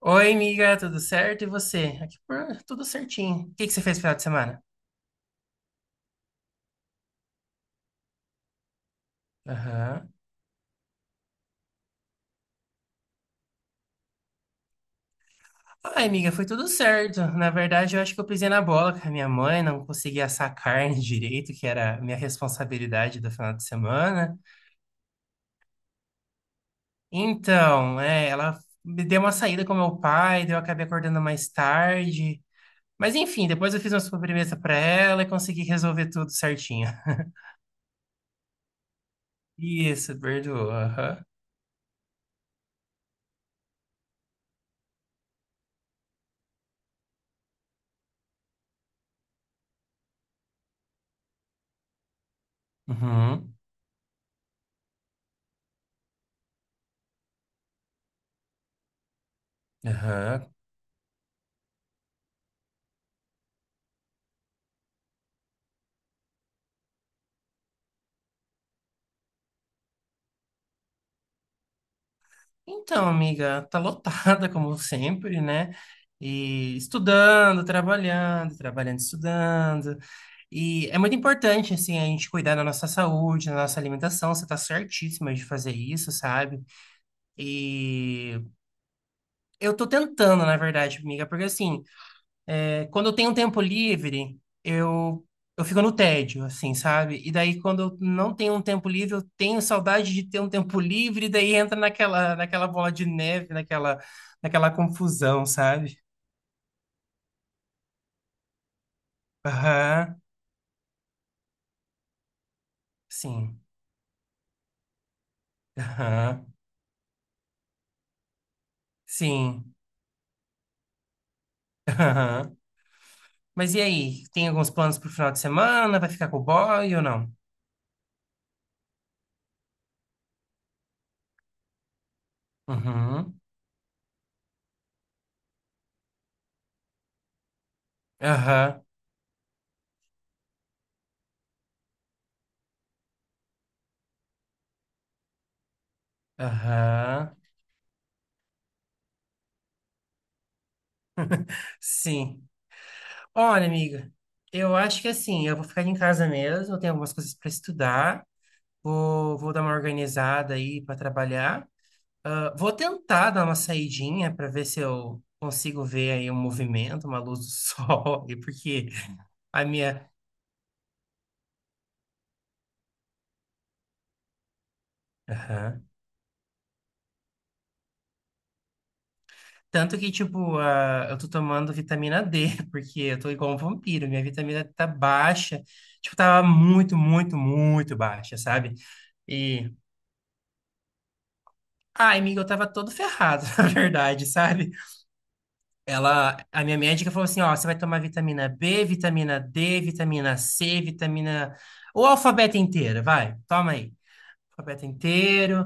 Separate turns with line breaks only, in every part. Oi, amiga, tudo certo? E você? Aqui por tudo certinho. O que que você fez no final de semana? Aham. Ai, amiga, foi tudo certo. Na verdade, eu acho que eu pisei na bola com a minha mãe, não consegui assar carne direito, que era a minha responsabilidade do final de semana. Então, é, ela me deu uma saída com meu pai, daí eu acabei acordando mais tarde. Mas enfim, depois eu fiz uma sobremesa pra ela e consegui resolver tudo certinho. Isso, perdoa. Aham. Uhum. Aham. Então, amiga, tá lotada como sempre, né? E estudando, trabalhando, trabalhando, estudando. E é muito importante, assim, a gente cuidar da nossa saúde, da nossa alimentação. Você tá certíssima de fazer isso, sabe? E eu tô tentando, na verdade, amiga, porque assim. Quando eu tenho um tempo livre, eu fico no tédio, assim, sabe? E daí, quando eu não tenho um tempo livre, eu tenho saudade de ter um tempo livre, e daí entra naquela bola de neve, naquela confusão, sabe? Aham, sim. Aham, sim. Aham. Mas e aí? Tem alguns planos pro final de semana? Vai ficar com o boy ou não? Uhum. Aham, aham. Sim. Olha, amiga, eu acho que assim, eu vou ficar em casa mesmo, eu tenho algumas coisas para estudar, vou dar uma organizada aí para trabalhar. Ah, vou tentar dar uma saidinha para ver se eu consigo ver aí um movimento, uma luz do sol, e porque a minha. Aham. Tanto que, tipo, eu tô tomando vitamina D, porque eu tô igual um vampiro, minha vitamina D tá baixa, tipo, tava muito, muito, muito baixa, sabe? E. Ai, amiga, eu tava todo ferrado, na verdade, sabe? Ela, a minha médica falou assim, ó, você vai tomar vitamina B, vitamina D, vitamina C, vitamina... O alfabeto inteiro, vai, toma aí. Alfabeto inteiro.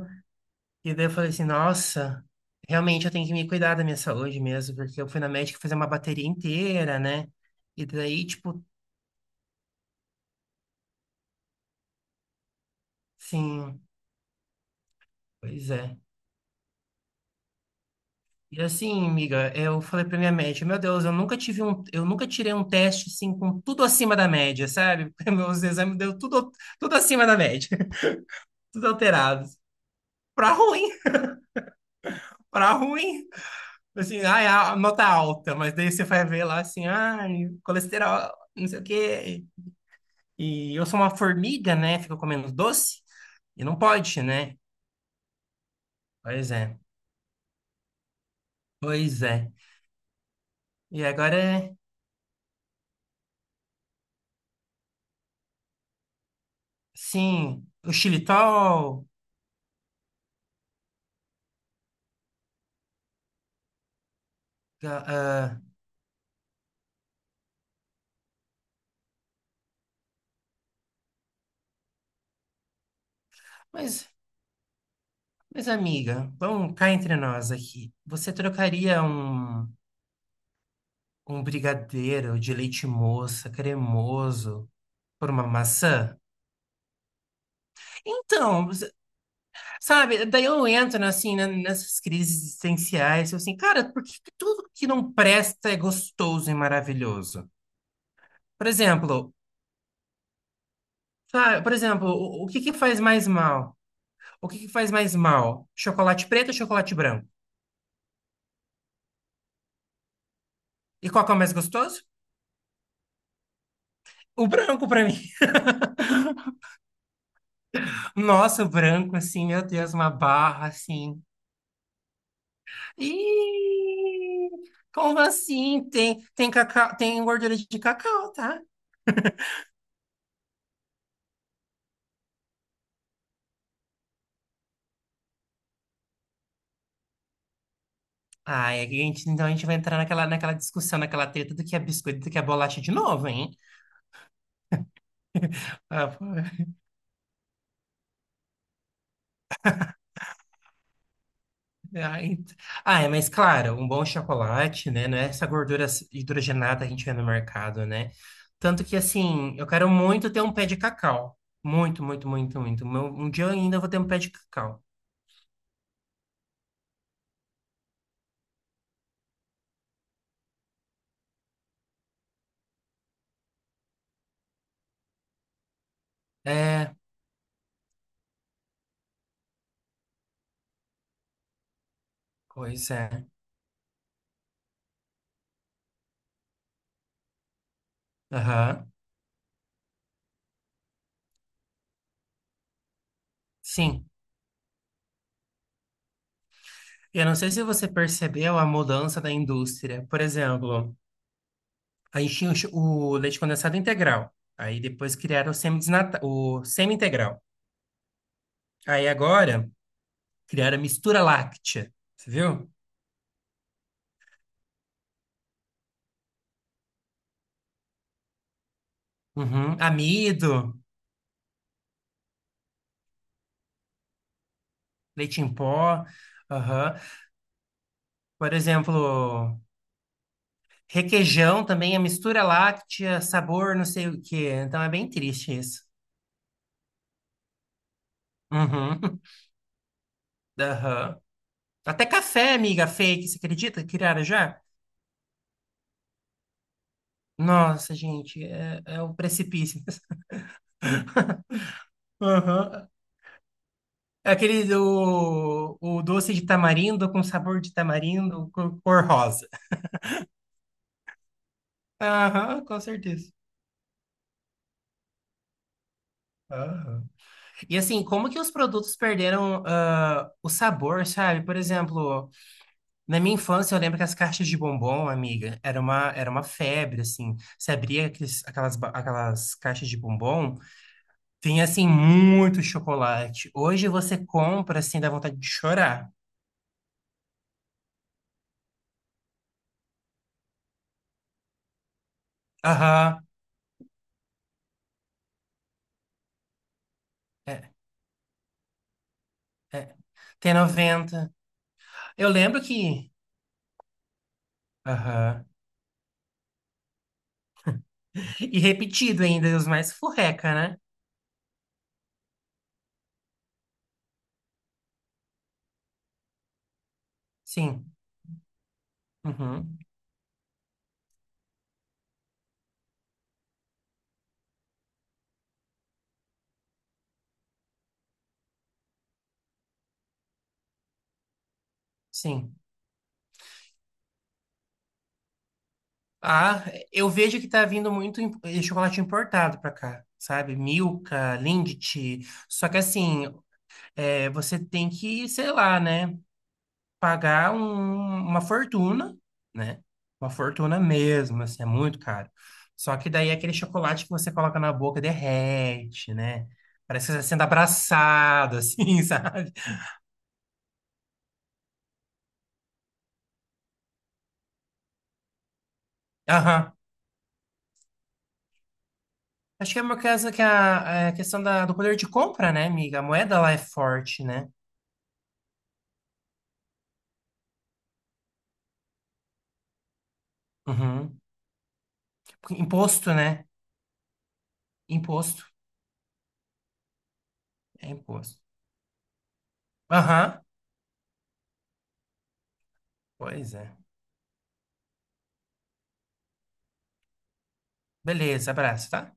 E daí eu falei assim, nossa, realmente eu tenho que me cuidar da minha saúde mesmo, porque eu fui na médica fazer uma bateria inteira, né? E daí, tipo, sim, pois é. E assim, amiga, eu falei pra minha médica, meu Deus, eu nunca tirei um teste, assim, com tudo acima da média, sabe? Meus exames deu tudo, tudo acima da média, tudo alterado. Pra ruim, pra ruim. Assim, ai, a nota alta, mas daí você vai ver lá assim, ai, colesterol, não sei o quê. E eu sou uma formiga, né? Fico comendo doce e não pode, né? Pois é, pois é. E agora, sim, o xilitol, ah, ah, mas, mas amiga, vamos cá entre nós aqui. Você trocaria um brigadeiro de leite moça cremoso por uma maçã? Então, sabe, daí eu entro, né, assim, né, nessas crises existenciais, eu assim, cara, por que que tudo que não presta é gostoso e maravilhoso? Por exemplo, sabe, por exemplo, o que que faz mais mal? O que que faz mais mal? Chocolate preto ou chocolate branco? E qual que é o mais gostoso? O branco pra mim. Nossa, o branco, assim, meu Deus, uma barra, assim. Ih, como assim? Tem cacau, tem gordura de cacau, tá? Ai, a gente, então a gente vai entrar naquela discussão, naquela treta do que é biscoito, do que é bolacha de novo, hein? Ah, pô, ai, ai, mas claro, um bom chocolate, né? Não é essa gordura hidrogenada que a gente vê no mercado, né? Tanto que, assim, eu quero muito ter um pé de cacau. Muito, muito, muito, muito. Meu- um dia eu ainda vou ter um pé de cacau. É, pois é. Aham, sim. Eu não sei se você percebeu a mudança da indústria. Por exemplo. Aí tinha o leite condensado integral. Aí depois criaram o semi-integral. Aí agora criaram a mistura láctea. Você viu? Uhum. Amido, leite em pó. Aham. Por exemplo, requeijão também a mistura láctea, sabor não sei o quê. Então é bem triste isso. Uhum. Aham. Até café, amiga fake, você acredita que criaram já? Nossa, gente, é, é um precipício. Aham. É aquele do o doce de tamarindo com sabor de tamarindo, cor rosa. Aham, com certeza. Aham. E assim, como que os produtos perderam o sabor, sabe? Por exemplo, na minha infância eu lembro que as caixas de bombom, amiga, era uma febre, assim. Você abria aquelas caixas de bombom, tinha assim muito chocolate. Hoje você compra, assim, dá vontade de chorar. Aham, é, é. Tem 90. Eu lembro que. Aham. E repetido ainda, os mais furreca, né? Sim. Uhum. Sim. Ah, eu vejo que tá vindo muito chocolate importado pra cá, sabe? Milka, Lindt. Só que assim, você tem que, sei lá, né? Pagar uma fortuna, né? Uma fortuna mesmo, assim, é muito caro. Só que daí é aquele chocolate que você coloca na boca e derrete, né? Parece que você está sendo abraçado, assim, sabe? Aham. Acho que é uma casa que a questão do poder de compra, né, amiga? A moeda lá é forte, né? Uhum. Imposto, né? Imposto. É imposto. Aham. Pois é. Beleza, abraço, tá?